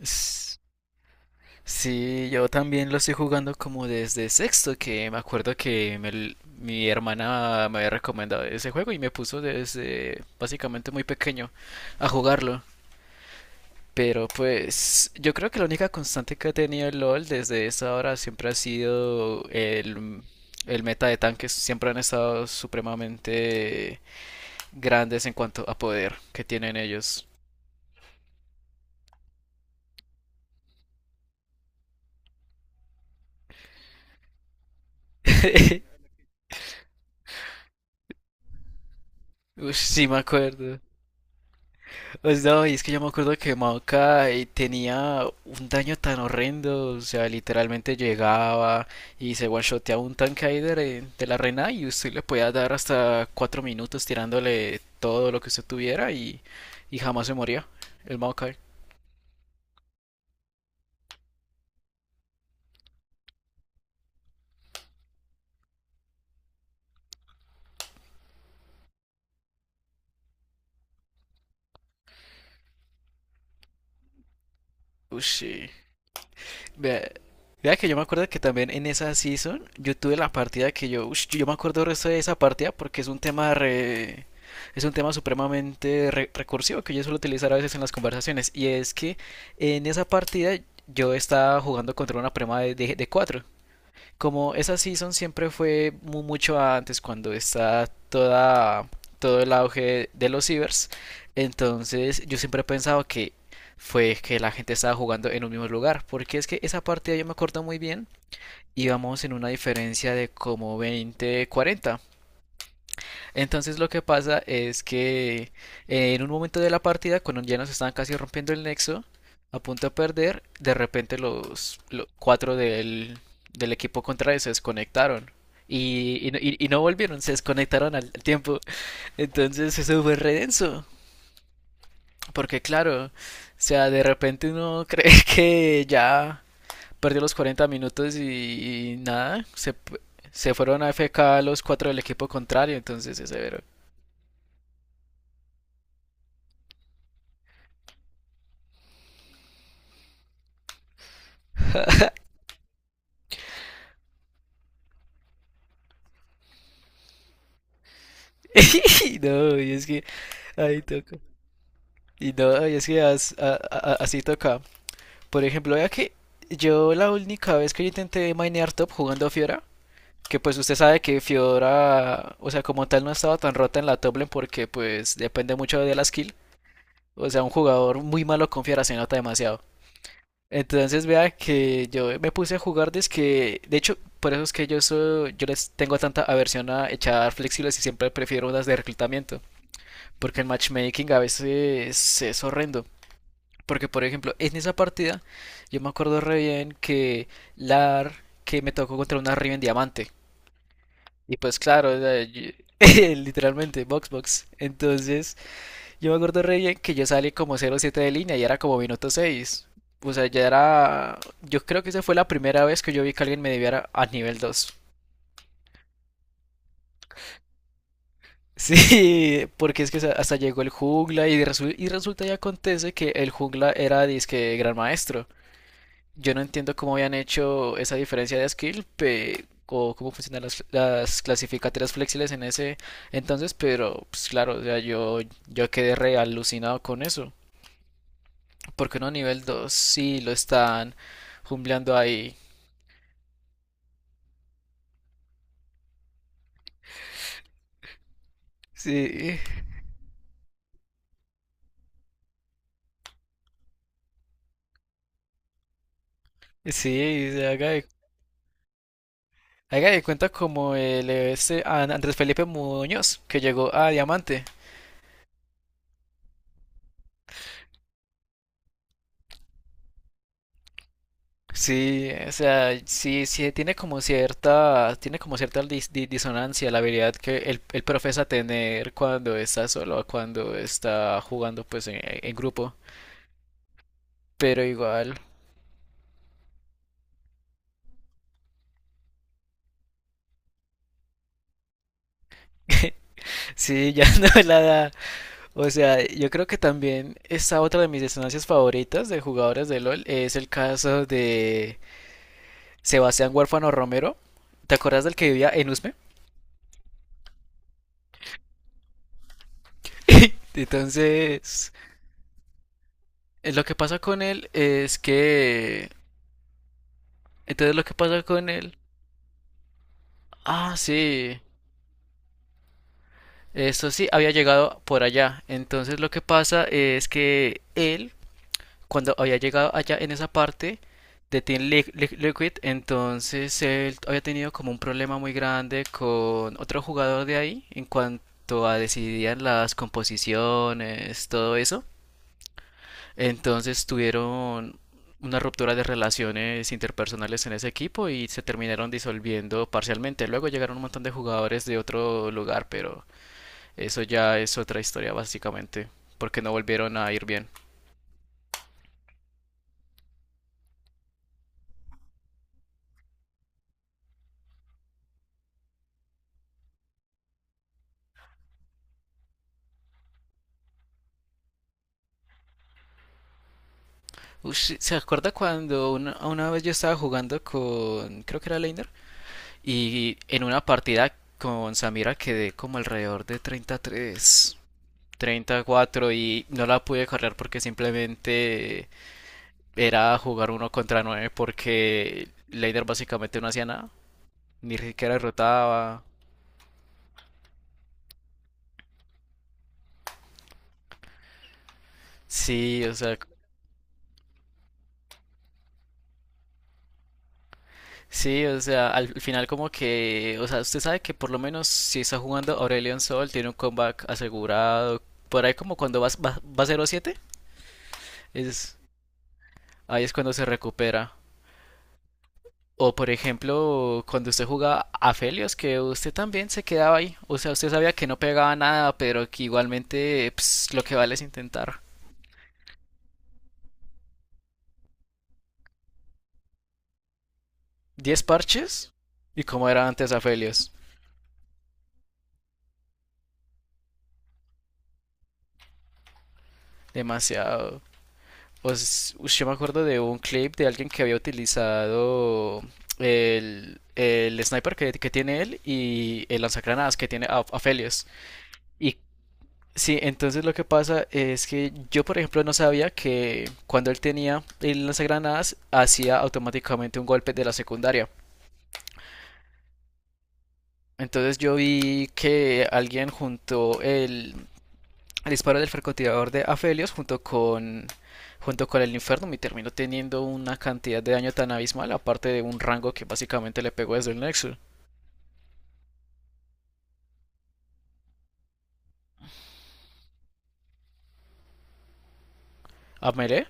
S- Sí, yo también lo estoy jugando como desde sexto, que me acuerdo que mi hermana me había recomendado ese juego y me puso desde básicamente muy pequeño a jugarlo. Pero pues yo creo que la única constante que ha tenido el LOL desde esa hora siempre ha sido el meta de tanques. Siempre han estado supremamente grandes en cuanto a poder que tienen ellos. Uy, sí me acuerdo. Pues no, y es que yo me acuerdo que Maoka tenía un daño tan horrendo, o sea, literalmente llegaba y se one-shoteaba un tanque ahí de la reina y usted le podía dar hasta 4 minutos tirándole todo lo que usted tuviera y jamás se moría el Maokai. Ush, vea, vea que yo me acuerdo que también en esa season yo tuve la partida que yo, ush, yo me acuerdo el resto de esa partida porque es un tema supremamente recursivo que yo suelo utilizar a veces en las conversaciones y es que en esa partida yo estaba jugando contra una prima de cuatro, como esa season siempre fue mucho antes cuando está toda todo el auge de los cibers. Entonces yo siempre he pensado que fue que la gente estaba jugando en un mismo lugar, porque es que esa partida yo me acuerdo muy bien, íbamos en una diferencia de como 20, 40. Entonces lo que pasa es que, en un momento de la partida, cuando ya nos estaban casi rompiendo el nexo, a punto de perder, de repente cuatro del equipo contrario se desconectaron. Y no volvieron, se desconectaron al tiempo. Entonces eso fue re denso. Porque claro, o sea, de repente uno cree que ya perdió los 40 minutos y nada, se fueron a AFK los cuatro del equipo contrario. Entonces es severo. No, y es que ahí toca. Y no, y es que así toca. Por ejemplo, vea que yo la única vez que yo intenté minear top jugando Fiora, que pues usted sabe que Fiora, o sea, como tal no estaba tan rota en la top lane porque pues depende mucho de la skill. O sea, un jugador muy malo con Fiora se nota demasiado. Entonces vea que yo me puse a jugar desde que, de hecho, por eso es que yo soy, yo les tengo tanta aversión a echar flexibles y siempre prefiero unas de reclutamiento. Porque el matchmaking a veces es horrendo. Porque, por ejemplo, en esa partida yo me acuerdo re bien que, Lar, que me tocó contra una Riven Diamante. Y pues, claro, literalmente, box box. Entonces, yo me acuerdo re bien que yo salí como 0-7 de línea y era como minuto seis. O sea, ya era. Yo creo que esa fue la primera vez que yo vi que alguien me debiera a nivel dos. Sí, porque es que hasta llegó el jungla y, y resulta y acontece que el jungla era disque gran maestro. Yo no entiendo cómo habían hecho esa diferencia de skill, o cómo funcionan las clasificatorias flexibles en ese entonces, pero pues claro, o sea, yo quedé re alucinado con eso. Porque uno nivel 2 sí lo están jumbleando ahí. Sí, sí, o haga de cuenta como el este Andrés Felipe Muñoz, que llegó a Diamante. Sí, o sea, sí, sí tiene como cierta disonancia la habilidad que él profesa tener cuando está solo a cuando está jugando pues en grupo. Pero igual, sí, ya no me la da. O sea, yo creo que también esta otra de mis disonancias favoritas de jugadores de LOL es el caso de Sebastián Huérfano Romero. ¿Te acuerdas del que vivía en Usme? Entonces, lo que pasa con él es que, entonces lo que pasa con él, ah, sí, esto sí, había llegado por allá. Entonces lo que pasa es que él, cuando había llegado allá en esa parte de Liquid, entonces él había tenido como un problema muy grande con otro jugador de ahí en cuanto a decidían las composiciones, todo eso. Entonces tuvieron una ruptura de relaciones interpersonales en ese equipo y se terminaron disolviendo parcialmente. Luego llegaron un montón de jugadores de otro lugar, pero eso ya es otra historia básicamente, porque no volvieron a ir bien. Ush, ¿se acuerda cuando una vez yo estaba jugando con, creo que era Leiner, y en una partida con Samira quedé como alrededor de 33, cuatro, y no la pude cargar porque simplemente era jugar uno contra nueve porque Leider básicamente no hacía nada, ni siquiera rotaba? Sí, o sea, sí, o sea, al final como que, o sea, usted sabe que por lo menos si está jugando Aurelion Sol tiene un comeback asegurado. Por ahí como cuando va 0-7 es, ahí es cuando se recupera. O por ejemplo, cuando usted jugaba a Felios, que usted también se quedaba ahí. O sea, usted sabía que no pegaba nada, pero que igualmente pues, lo que vale es intentar. 10 parches, y como era antes Afelios. Demasiado. Pues, ush, yo me acuerdo de un clip de alguien que había utilizado el sniper que tiene él y el lanzagranadas que tiene Afelios. Y sí, entonces lo que pasa es que yo, por ejemplo, no sabía que cuando él tenía el lanzagranadas hacía automáticamente un golpe de la secundaria. Entonces yo vi que alguien juntó al disparo del francotirador de Afelios junto con el Inferno, y terminó teniendo una cantidad de daño tan abismal, aparte de un rango que básicamente le pegó desde el Nexus. ¿A melee?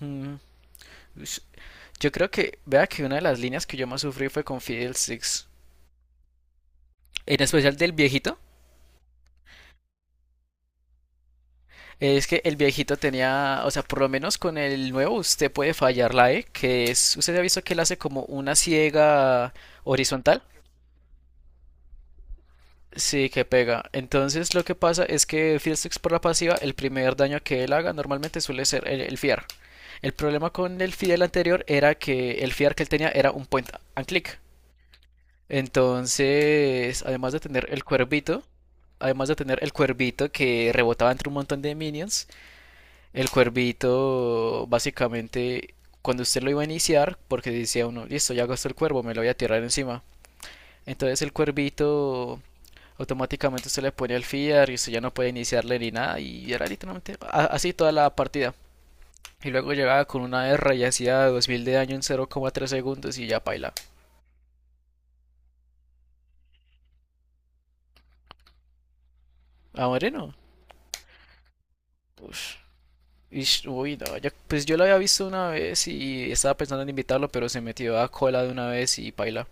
Mm, Yo creo que, vea que una de las líneas que yo más sufrí fue con Fidel Six. En especial del viejito. Es que el viejito tenía, o sea, por lo menos con el nuevo usted puede fallar la E, que es, usted ha visto que él hace como una ciega horizontal. Sí, que pega. Entonces lo que pasa es que Fiddlesticks por la pasiva, el primer daño que él haga normalmente suele ser el Fear. El problema con el Fiddle anterior era que el Fear que él tenía era un point and click. Entonces, además de tener el cuervito, además de tener el cuervito que rebotaba entre un montón de minions, el cuervito básicamente cuando usted lo iba a iniciar, porque decía uno, listo, ya gastó el cuervo, me lo voy a tirar encima. Entonces el cuervito automáticamente usted le pone el feeder y usted ya no puede iniciarle ni nada, y era literalmente así toda la partida. Y luego llegaba con una R y hacía 2000 de daño en 0,3 segundos y ya paila. Ah, Moreno. Ush. Ish, uy, no, pues yo lo había visto una vez y estaba pensando en invitarlo, pero se metió a cola de una vez y paila.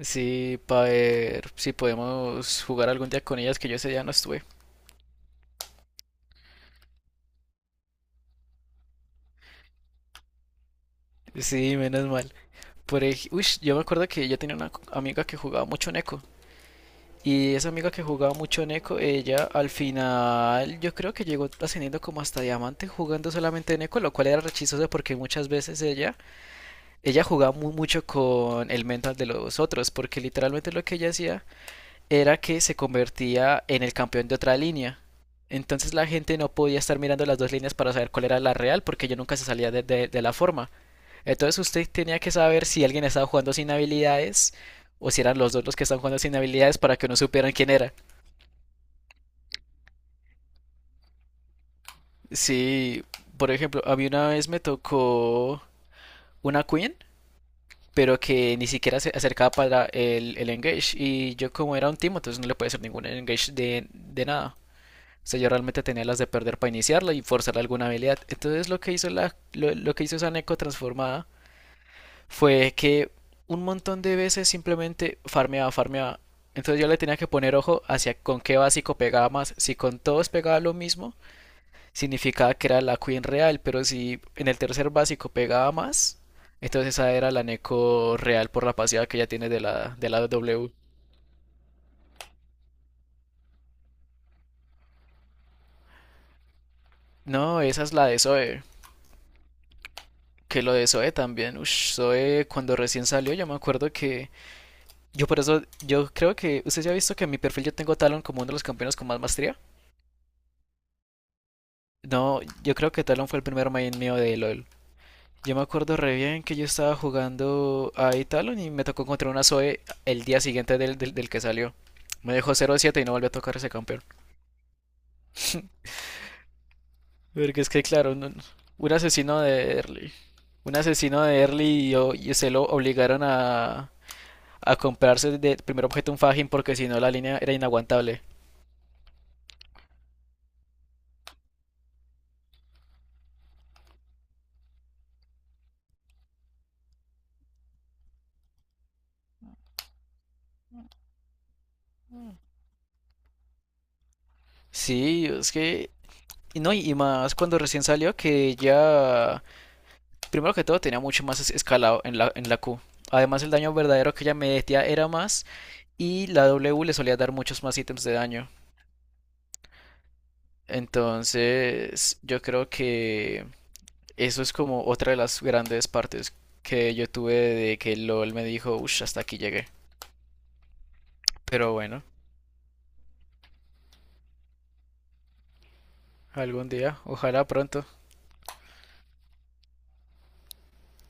Sí, para ver si podemos jugar algún día con ellas, que yo ese día no estuve. Sí, menos mal. Uy, yo me acuerdo que yo tenía una amiga que jugaba mucho Neko. Y esa amiga que jugaba mucho en Eco, ella al final yo creo que llegó ascendiendo como hasta diamante jugando solamente en Eco, lo cual era re, porque muchas veces ella jugaba muy mucho con el mental de los otros, porque literalmente lo que ella hacía era que se convertía en el campeón de otra línea. Entonces la gente no podía estar mirando las dos líneas para saber cuál era la real, porque ella nunca se salía de la forma. Entonces usted tenía que saber si alguien estaba jugando sin habilidades o si eran los dos los que estaban jugando sin habilidades para que no supieran quién era. Sí, por ejemplo, a mí una vez me tocó una Queen, pero que ni siquiera se acercaba para el engage. Y yo como era un team, entonces no le podía hacer ningún engage de nada. O sea, yo realmente tenía las de perder para iniciarla y forzar alguna habilidad. Entonces lo que hizo esa Neko transformada fue que un montón de veces simplemente farmeaba, farmeaba. Entonces yo le tenía que poner ojo hacia con qué básico pegaba más. Si con todos pegaba lo mismo, significaba que era la Queen real, pero si en el tercer básico pegaba más, entonces esa era la Neko real por la pasiva que ella tiene de la W. No, esa es la de Zoe. Que lo de Zoe también. Ush, Zoe cuando recién salió, yo me acuerdo que. Yo por eso, yo creo que. ¿Usted ya ha visto que en mi perfil yo tengo a Talon como uno de los campeones con más maestría? No, yo creo que Talon fue el primer main mío de LOL. Yo me acuerdo re bien que yo estaba jugando a Italon y me tocó contra una Zoe el día siguiente del que salió. Me dejó 0-7 y no volvió a tocar ese campeón. Porque es que, claro, un asesino de early. Un asesino de early y se lo obligaron a, comprarse de primer objeto un Fajin porque si no la línea era inaguantable. Sí, es que. Y no, y más cuando recién salió que ya. Primero que todo tenía mucho más escalado en la, Q. Además, el daño verdadero que ella metía era más. Y la W le solía dar muchos más ítems de daño. Entonces, yo creo que eso es como otra de las grandes partes que yo tuve de que LOL me dijo, uff, hasta aquí llegué. Pero bueno, algún día, ojalá pronto.